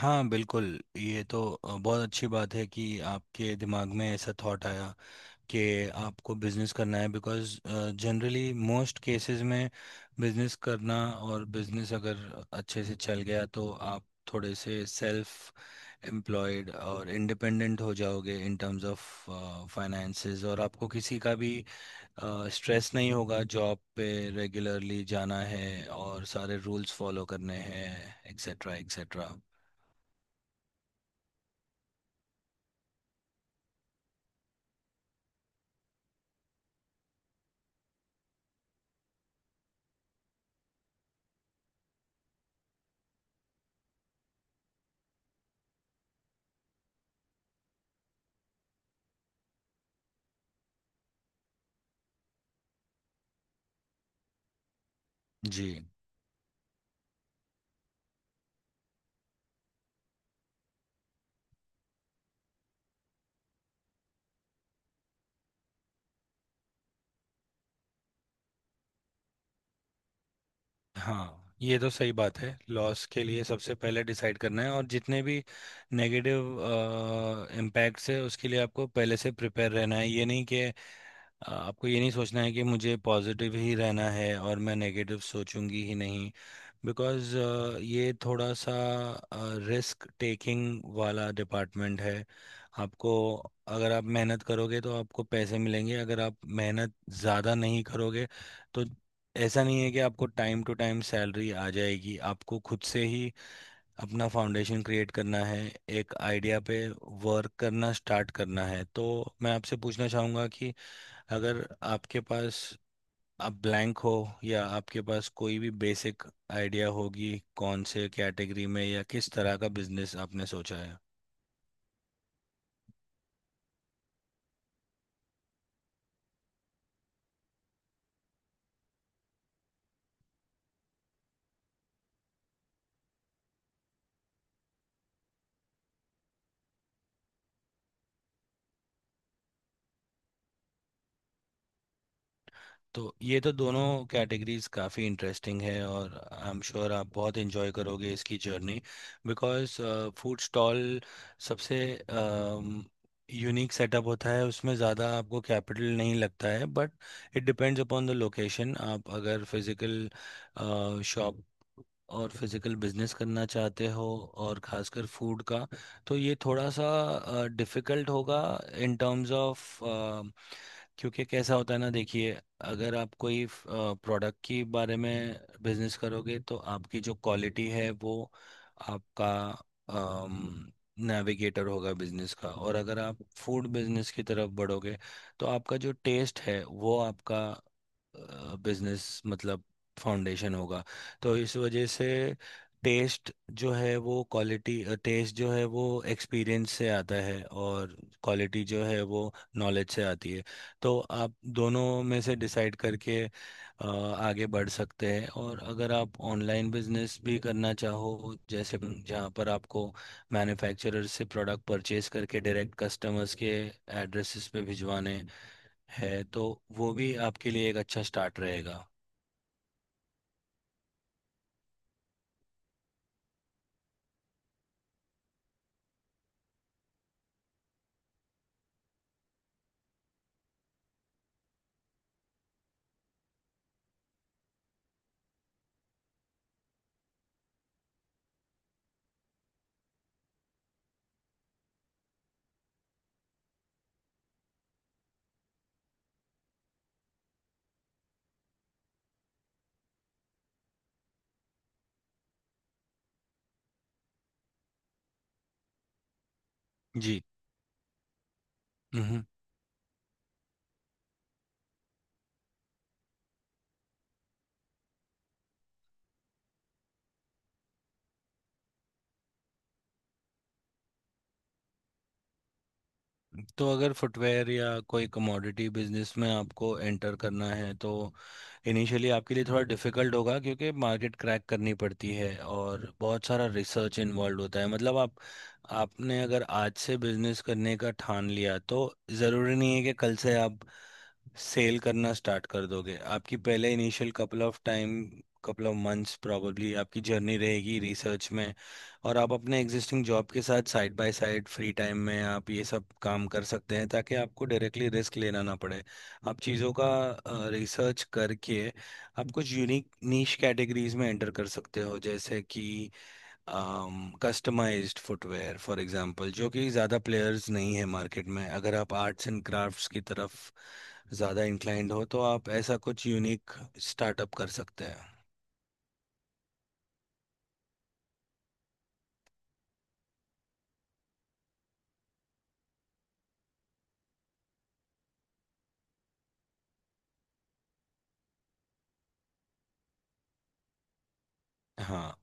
हाँ बिल्कुल ये तो बहुत अच्छी बात है कि आपके दिमाग में ऐसा थॉट आया कि आपको बिजनेस करना है। बिकॉज़ जनरली मोस्ट केसेस में बिजनेस करना, और बिजनेस अगर अच्छे से चल गया तो आप थोड़े से सेल्फ एम्प्लॉयड और इंडिपेंडेंट हो जाओगे इन टर्म्स ऑफ फाइनेंसेस, और आपको किसी का भी स्ट्रेस नहीं होगा जॉब पे रेगुलरली जाना है और सारे रूल्स फॉलो करने हैं, एक्सेट्रा एक्सेट्रा। जी। हाँ ये तो सही बात है, लॉस के लिए सबसे पहले डिसाइड करना है, और जितने भी नेगेटिव इम्पैक्ट्स है उसके लिए आपको पहले से प्रिपेयर रहना है। ये नहीं कि आपको ये नहीं सोचना है कि मुझे पॉजिटिव ही रहना है और मैं नेगेटिव सोचूंगी ही नहीं। बिकॉज ये थोड़ा सा रिस्क टेकिंग वाला डिपार्टमेंट है। आपको, अगर आप मेहनत करोगे तो आपको पैसे मिलेंगे, अगर आप मेहनत ज़्यादा नहीं करोगे तो ऐसा नहीं है कि आपको टाइम टू टाइम सैलरी आ जाएगी, आपको खुद से ही अपना फाउंडेशन क्रिएट करना है, एक आइडिया पे वर्क करना स्टार्ट करना है। तो मैं आपसे पूछना चाहूँगा कि अगर आपके पास, आप ब्लैंक हो या आपके पास कोई भी बेसिक आइडिया होगी, कौन से कैटेगरी में या किस तरह का बिजनेस आपने सोचा है। तो ये तो दोनों कैटेगरीज काफ़ी इंटरेस्टिंग है, और आई एम श्योर आप बहुत एंजॉय करोगे इसकी जर्नी। बिकॉज फूड स्टॉल सबसे यूनिक सेटअप होता है, उसमें ज़्यादा आपको कैपिटल नहीं लगता है, but it depends upon the location. आप अगर फिज़िकल शॉप और फिज़िकल बिजनेस करना चाहते हो, और खासकर फूड का, तो ये थोड़ा सा डिफ़िकल्ट होगा इन टर्म्स ऑफ। क्योंकि कैसा होता है ना, देखिए, अगर आप कोई प्रोडक्ट के बारे में बिजनेस करोगे तो आपकी जो क्वालिटी है वो आपका नेविगेटर होगा बिजनेस का, और अगर आप फूड बिजनेस की तरफ बढ़ोगे तो आपका जो टेस्ट है वो आपका बिजनेस मतलब फाउंडेशन होगा। तो इस वजह से टेस्ट जो है, वो क्वालिटी टेस्ट जो है वो एक्सपीरियंस से आता है, और क्वालिटी जो है वो नॉलेज से आती है। तो आप दोनों में से डिसाइड करके आगे बढ़ सकते हैं, और अगर आप ऑनलाइन बिजनेस भी करना चाहो, जैसे जहाँ पर आपको मैन्युफैक्चरर से प्रोडक्ट परचेज करके डायरेक्ट कस्टमर्स के एड्रेसेस पे भिजवाने हैं, तो वो भी आपके लिए एक अच्छा स्टार्ट रहेगा। जी। तो अगर फुटवेयर या कोई कमोडिटी बिजनेस में आपको एंटर करना है, तो इनिशियली आपके लिए थोड़ा डिफिकल्ट होगा, क्योंकि मार्केट क्रैक करनी पड़ती है और बहुत सारा रिसर्च इन्वॉल्व होता है। मतलब आप आपने अगर आज से बिजनेस करने का ठान लिया, तो ज़रूरी नहीं है कि कल से आप सेल करना स्टार्ट कर दोगे, आपकी पहले initial couple of months probably आपकी जर्नी रहेगी रिसर्च में। और आप अपने एग्जिस्टिंग जॉब के साथ side by side free time में आप ये सब काम कर सकते हैं, ताकि आपको डायरेक्टली रिस्क लेना ना पड़े। आप चीज़ों का रिसर्च करके आप कुछ यूनिक नीश कैटेगरीज में एंटर कर सकते हो, जैसे कि कस्टमाइज्ड फुटवेयर फॉर एग्जांपल, जो कि ज़्यादा प्लेयर्स नहीं है मार्केट में। अगर आप आर्ट्स एंड क्राफ्ट्स की तरफ ज़्यादा इंक्लाइंड हो, तो आप ऐसा कुछ यूनिक स्टार्टअप कर सकते हैं। हाँ।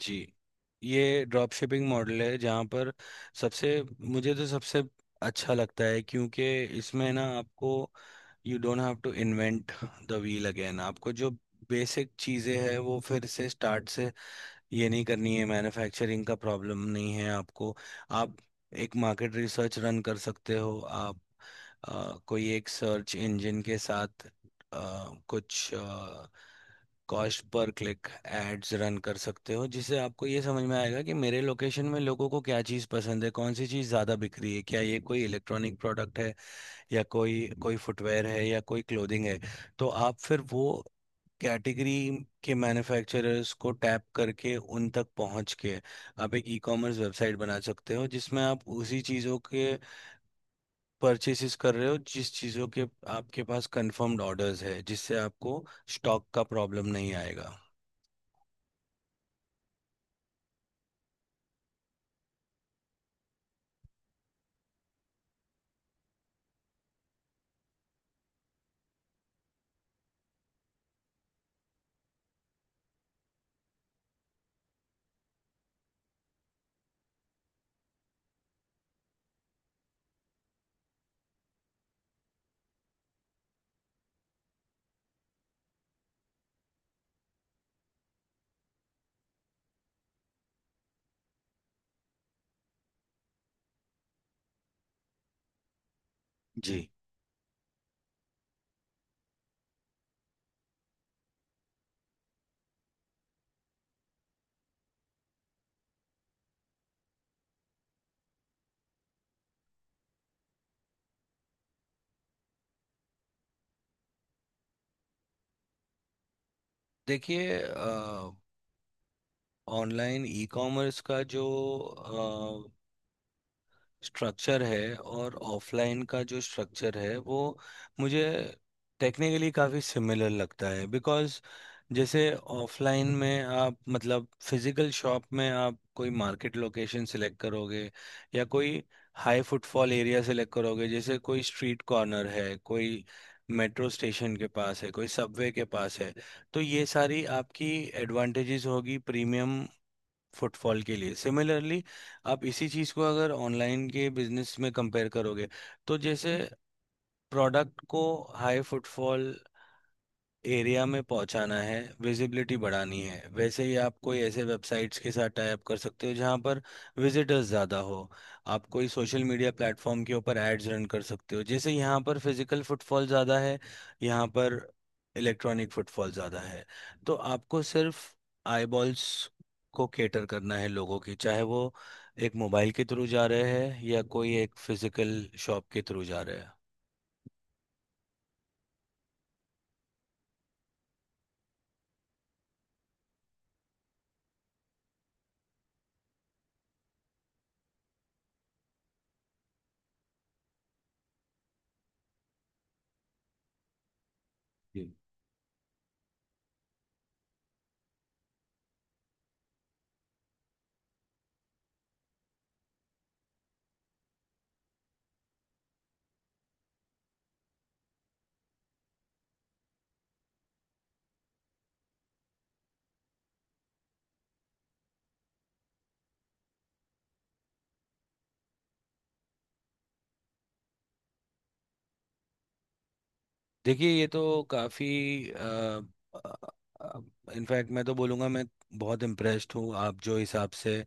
जी। ये ड्रॉप शिपिंग मॉडल है, जहाँ पर सबसे मुझे तो सबसे अच्छा लगता है क्योंकि इसमें ना आपको, you don't have to invent the wheel again, आपको जो बेसिक चीज़ें हैं वो फिर से स्टार्ट से ये नहीं करनी है, मैन्युफैक्चरिंग का प्रॉब्लम नहीं है आपको। आप एक मार्केट रिसर्च रन कर सकते हो, आप कोई एक सर्च इंजन के साथ अ, कुछ cost per click ads run कर सकते हो, जिससे आपको ये समझ में आएगा कि मेरे लोकेशन में लोगों को क्या चीज़ पसंद है, कौन सी चीज़ ज़्यादा बिक रही है, क्या ये कोई इलेक्ट्रॉनिक प्रोडक्ट है, या कोई कोई फुटवेयर है, या कोई क्लोथिंग है। तो आप फिर वो कैटेगरी के मैन्युफैक्चरर्स को टैप करके उन तक पहुंच के आप एक ई कॉमर्स वेबसाइट बना सकते हो, जिसमें आप उसी चीज़ों के परचेसेस कर रहे हो जिस चीज़ों के आपके पास कंफर्म्ड ऑर्डर्स है, जिससे आपको स्टॉक का प्रॉब्लम नहीं आएगा। जी। देखिए, ऑनलाइन ई कॉमर्स का जो स्ट्रक्चर है और ऑफलाइन का जो स्ट्रक्चर है वो मुझे टेक्निकली काफ़ी सिमिलर लगता है। बिकॉज़ जैसे ऑफलाइन में आप, मतलब फिजिकल शॉप में आप कोई मार्केट लोकेशन सिलेक्ट करोगे या कोई हाई फुटफॉल एरिया सिलेक्ट करोगे, जैसे कोई स्ट्रीट कॉर्नर है, कोई मेट्रो स्टेशन के पास है, कोई सबवे के पास है, तो ये सारी आपकी एडवांटेजेस होगी प्रीमियम फुटफॉल के लिए। सिमिलरली आप इसी चीज़ को अगर ऑनलाइन के बिजनेस में कंपेयर करोगे, तो जैसे प्रोडक्ट को हाई फुटफॉल एरिया में पहुंचाना है, विजिबिलिटी बढ़ानी है, वैसे ही आप कोई ऐसे वेबसाइट्स के साथ टाई अप कर सकते हो जहां पर विजिटर्स ज़्यादा हो। आप कोई सोशल मीडिया प्लेटफॉर्म के ऊपर एड्स रन कर सकते हो, जैसे यहाँ पर फिजिकल फुटफॉल ज़्यादा है, यहाँ पर इलेक्ट्रॉनिक फुटफॉल ज़्यादा है। तो आपको सिर्फ आईबॉल्स को केटर करना है लोगों की, चाहे वो एक मोबाइल के थ्रू जा रहे हैं या कोई एक फिजिकल शॉप के थ्रू जा रहे हैं। देखिए, ये तो काफ़ी, इनफैक्ट मैं तो बोलूँगा, मैं बहुत इम्प्रेस्ड हूँ आप जो हिसाब से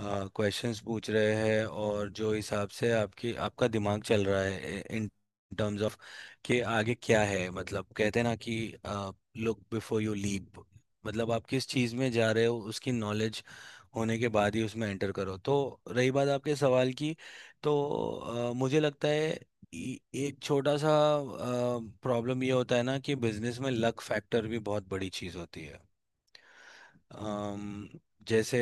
क्वेश्चंस पूछ रहे हैं, और जो हिसाब से आपकी आपका दिमाग चल रहा है इन टर्म्स ऑफ कि आगे क्या है। मतलब कहते हैं ना कि लुक बिफोर यू लीप, मतलब आप किस चीज़ में जा रहे हो उसकी नॉलेज होने के बाद ही उसमें एंटर करो। तो रही बात आपके सवाल की, तो मुझे लगता है ए- एक छोटा सा प्रॉब्लम ये होता है ना, कि बिजनेस में लक फैक्टर भी बहुत बड़ी चीज़ होती है। अम, जैसे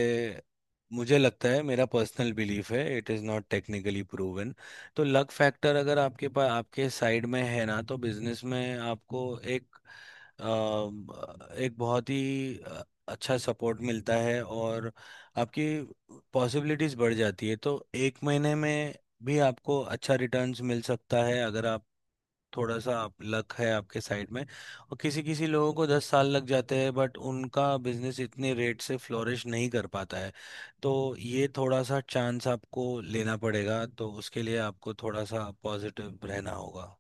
मुझे लगता है, मेरा पर्सनल बिलीफ है, it is not technically proven. तो लक फैक्टर अगर आपके पास आपके साइड में है ना, तो बिजनेस में आपको अम, एक बहुत ही अच्छा सपोर्ट मिलता है, और आपकी पॉसिबिलिटीज़ बढ़ जाती है। तो एक महीने में भी आपको अच्छा रिटर्न्स मिल सकता है अगर आप, थोड़ा सा आप लक है आपके साइड में, और किसी किसी लोगों को 10 साल लग जाते हैं, बट उनका बिजनेस इतने रेट से फ्लोरिश नहीं कर पाता है। तो ये थोड़ा सा चांस आपको लेना पड़ेगा, तो उसके लिए आपको थोड़ा सा पॉजिटिव रहना होगा।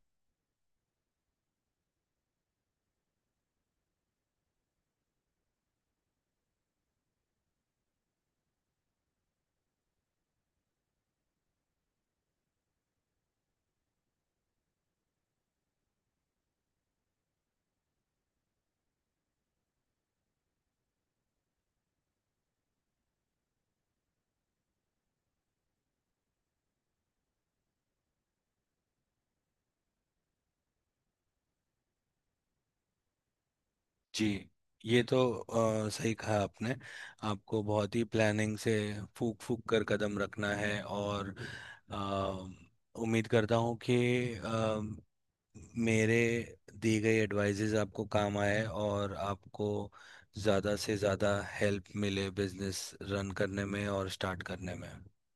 जी। ये तो सही कहा आपने, आपको बहुत ही प्लानिंग से फूक फूक कर कदम रखना है, और अ, उम्मीद करता हूँ कि मेरे दी गई एडवाइजेज आपको काम आए, और आपको ज़्यादा से ज़्यादा हेल्प मिले बिजनेस रन करने में और स्टार्ट करने में।